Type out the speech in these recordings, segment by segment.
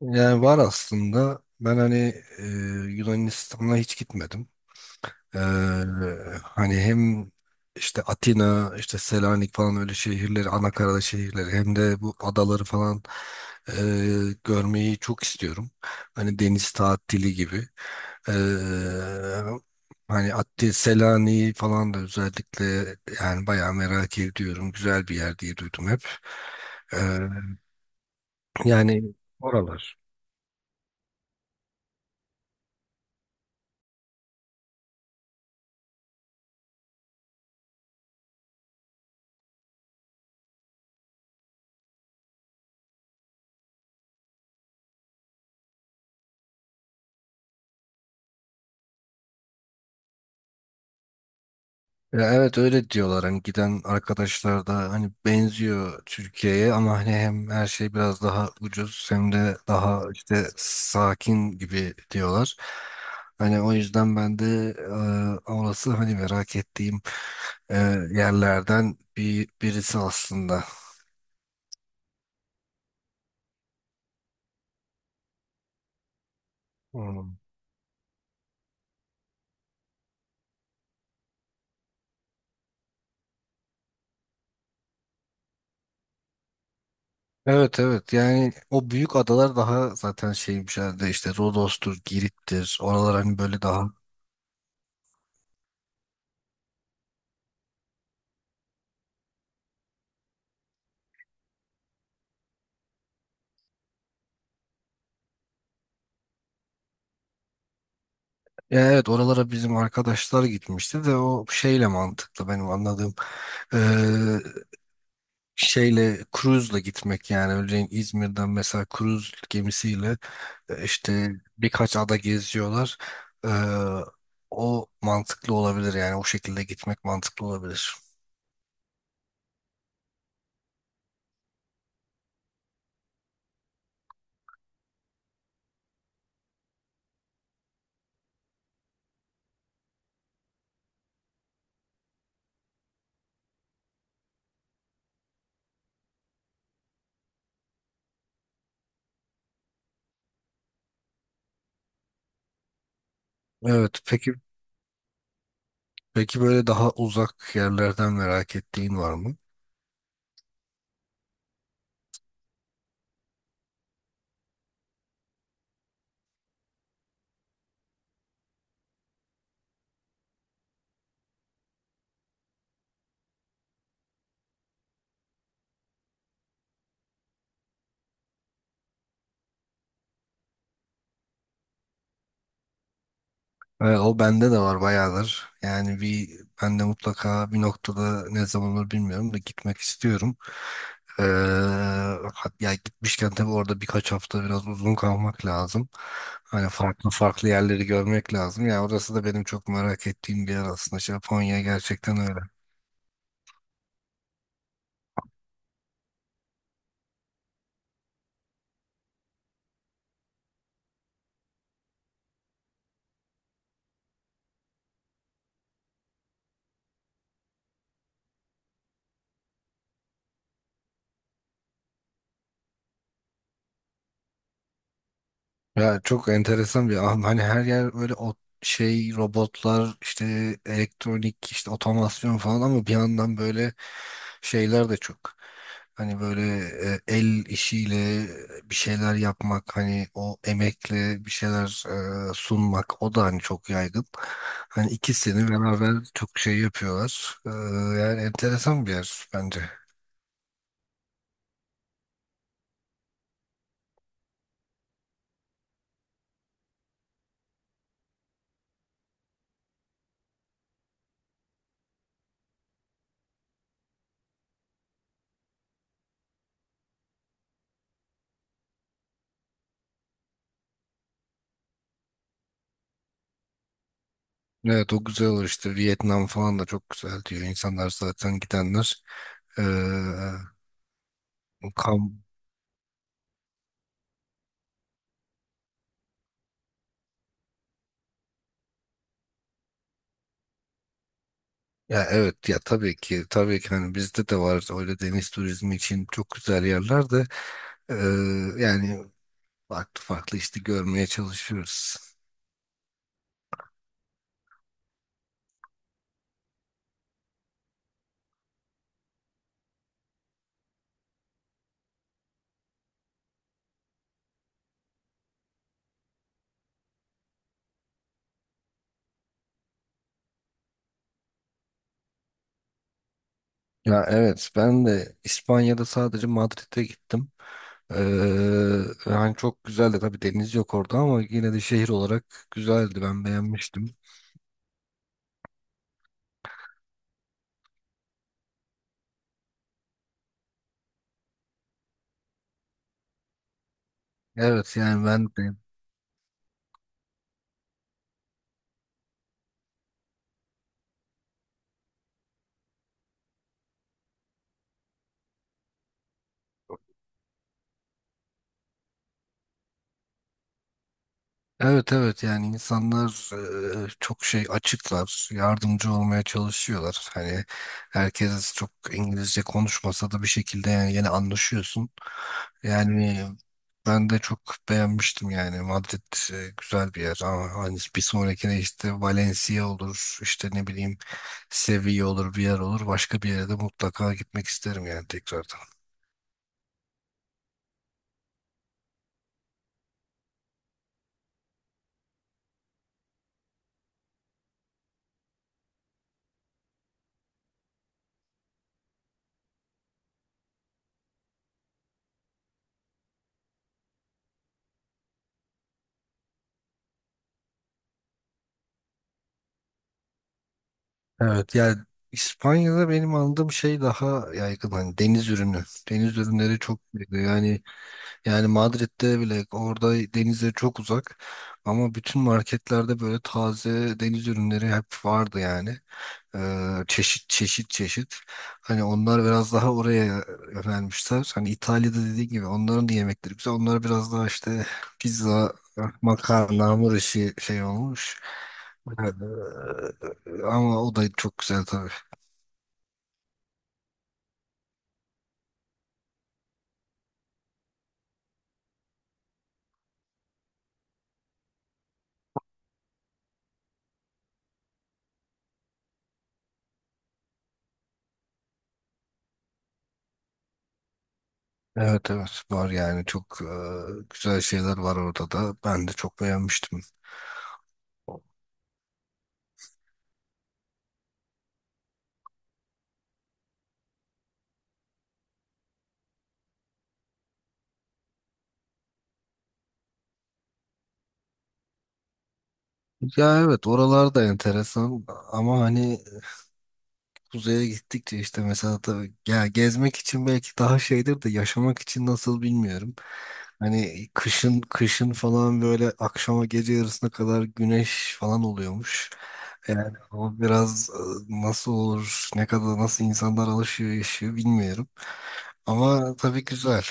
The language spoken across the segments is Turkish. Yani var aslında. Ben hani e, Yunanistan'a hiç gitmedim. E, Hani hem işte Atina, işte Selanik falan öyle şehirleri, Anakarada şehirleri hem de bu adaları falan e, görmeyi çok istiyorum. Hani deniz tatili gibi. E, Hani Ati, Selanik'i falan da özellikle yani bayağı merak ediyorum. Güzel bir yer diye duydum hep. E, Yani oralar. Ya evet, öyle diyorlar, hani giden arkadaşlar da, hani benziyor Türkiye'ye ama hani hem her şey biraz daha ucuz hem de daha işte sakin gibi diyorlar. Hani o yüzden ben de orası hani merak ettiğim e, yerlerden birisi aslında. Hmm. Evet, evet, yani o büyük adalar daha zaten şeymiş herhalde, işte Rodos'tur, Girit'tir. Oralar hani böyle daha. Ya evet, oralara bizim arkadaşlar gitmişti de o şeyle mantıklı benim anladığım. Ee, Şeyle cruise'la gitmek, yani örneğin İzmir'den mesela cruise gemisiyle işte birkaç ada geziyorlar. Ee, O mantıklı olabilir, yani o şekilde gitmek mantıklı olabilir. Evet, peki, peki böyle daha uzak yerlerden merak ettiğin var mı? Evet, o bende de var bayağıdır. Yani bir, ben de mutlaka bir noktada, ne zaman olur bilmiyorum da, gitmek istiyorum. Ee, ya gitmişken tabii orada birkaç hafta biraz uzun kalmak lazım. Hani farklı farklı yerleri görmek lazım. Yani orası da benim çok merak ettiğim bir yer aslında. İşte Japonya gerçekten öyle. Ya çok enteresan bir an. Hani her yer böyle o şey, robotlar, işte elektronik, işte otomasyon falan, ama bir yandan böyle şeyler de çok. Hani böyle el işiyle bir şeyler yapmak, hani o emekle bir şeyler sunmak, o da hani çok yaygın. Hani ikisini beraber çok şey yapıyorlar. Yani enteresan bir yer bence. Evet, o güzel olur, işte Vietnam falan da çok güzel diyor İnsanlar zaten, gidenler. eee kam ya evet, ya tabii ki, tabii ki, hani bizde de var öyle deniz turizmi için çok güzel yerler de. eee, Yani farklı farklı işte görmeye çalışıyoruz. Ya evet, ben de İspanya'da sadece Madrid'e gittim. Yani çok güzeldi tabii, deniz yok orada ama yine de şehir olarak güzeldi, ben beğenmiştim. Evet, yani ben de. Evet, evet, yani insanlar çok şey açıklar, yardımcı olmaya çalışıyorlar. Hani herkes çok İngilizce konuşmasa da bir şekilde yani yine anlaşıyorsun. Yani ben de çok beğenmiştim, yani Madrid güzel bir yer, ama hani bir sonrakine işte Valencia olur, işte ne bileyim Sevilla olur, bir yer olur. Başka bir yere de mutlaka gitmek isterim, yani tekrardan. Evet, yani İspanya'da benim anladığım şey daha yaygın hani deniz ürünü. Deniz ürünleri çok yaygın. Yani, yani Madrid'de bile, orada denize çok uzak ama bütün marketlerde böyle taze deniz ürünleri hep vardı yani. Çeşit çeşit çeşit. Hani onlar biraz daha oraya yönelmişler. Hani İtalya'da dediğin gibi onların da yemekleri güzel. Onlar biraz daha işte pizza, makarna, hamur işi şey olmuş. Ee, Ama o da çok güzel tabii. Evet, evet, var yani çok güzel şeyler var orada da. Ben de çok beğenmiştim. Ya evet, oralar da enteresan, ama hani kuzeye gittikçe işte, mesela tabii ya, gezmek için belki daha şeydir de yaşamak için nasıl bilmiyorum. Hani kışın falan böyle akşama, gece yarısına kadar güneş falan oluyormuş. Yani o biraz nasıl olur, ne kadar, nasıl insanlar alışıyor, yaşıyor bilmiyorum. Ama tabii güzel.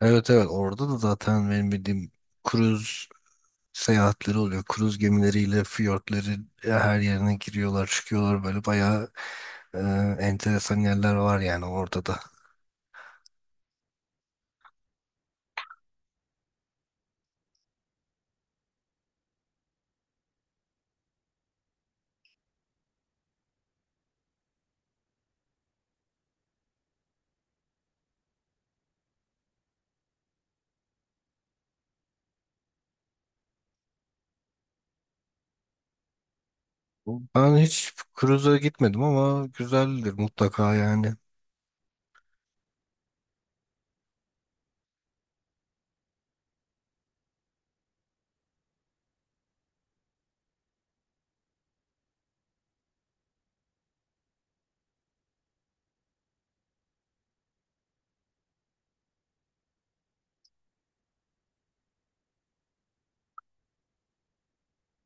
Evet, evet, orada da zaten benim bildiğim kruz seyahatleri oluyor. Kruz gemileriyle fiyortların her yerine giriyorlar, çıkıyorlar böyle bayağı. Ee, Enteresan yerler var yani orada da. Ben hiç cruise'a gitmedim ama güzeldir mutlaka yani.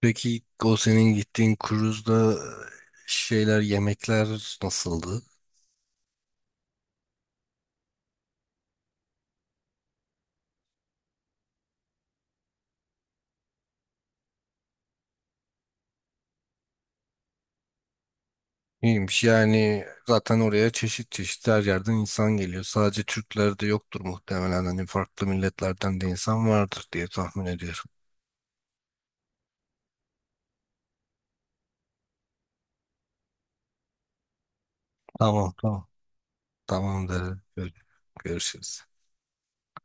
Peki, o senin gittiğin cruise'da şeyler, yemekler nasıldı? İyiymiş yani, zaten oraya çeşit çeşit her yerden insan geliyor. Sadece Türkler de yoktur muhtemelen. Hani farklı milletlerden de insan vardır diye tahmin ediyorum. Tamam, tamam. Tamamdır. Görüşürüz.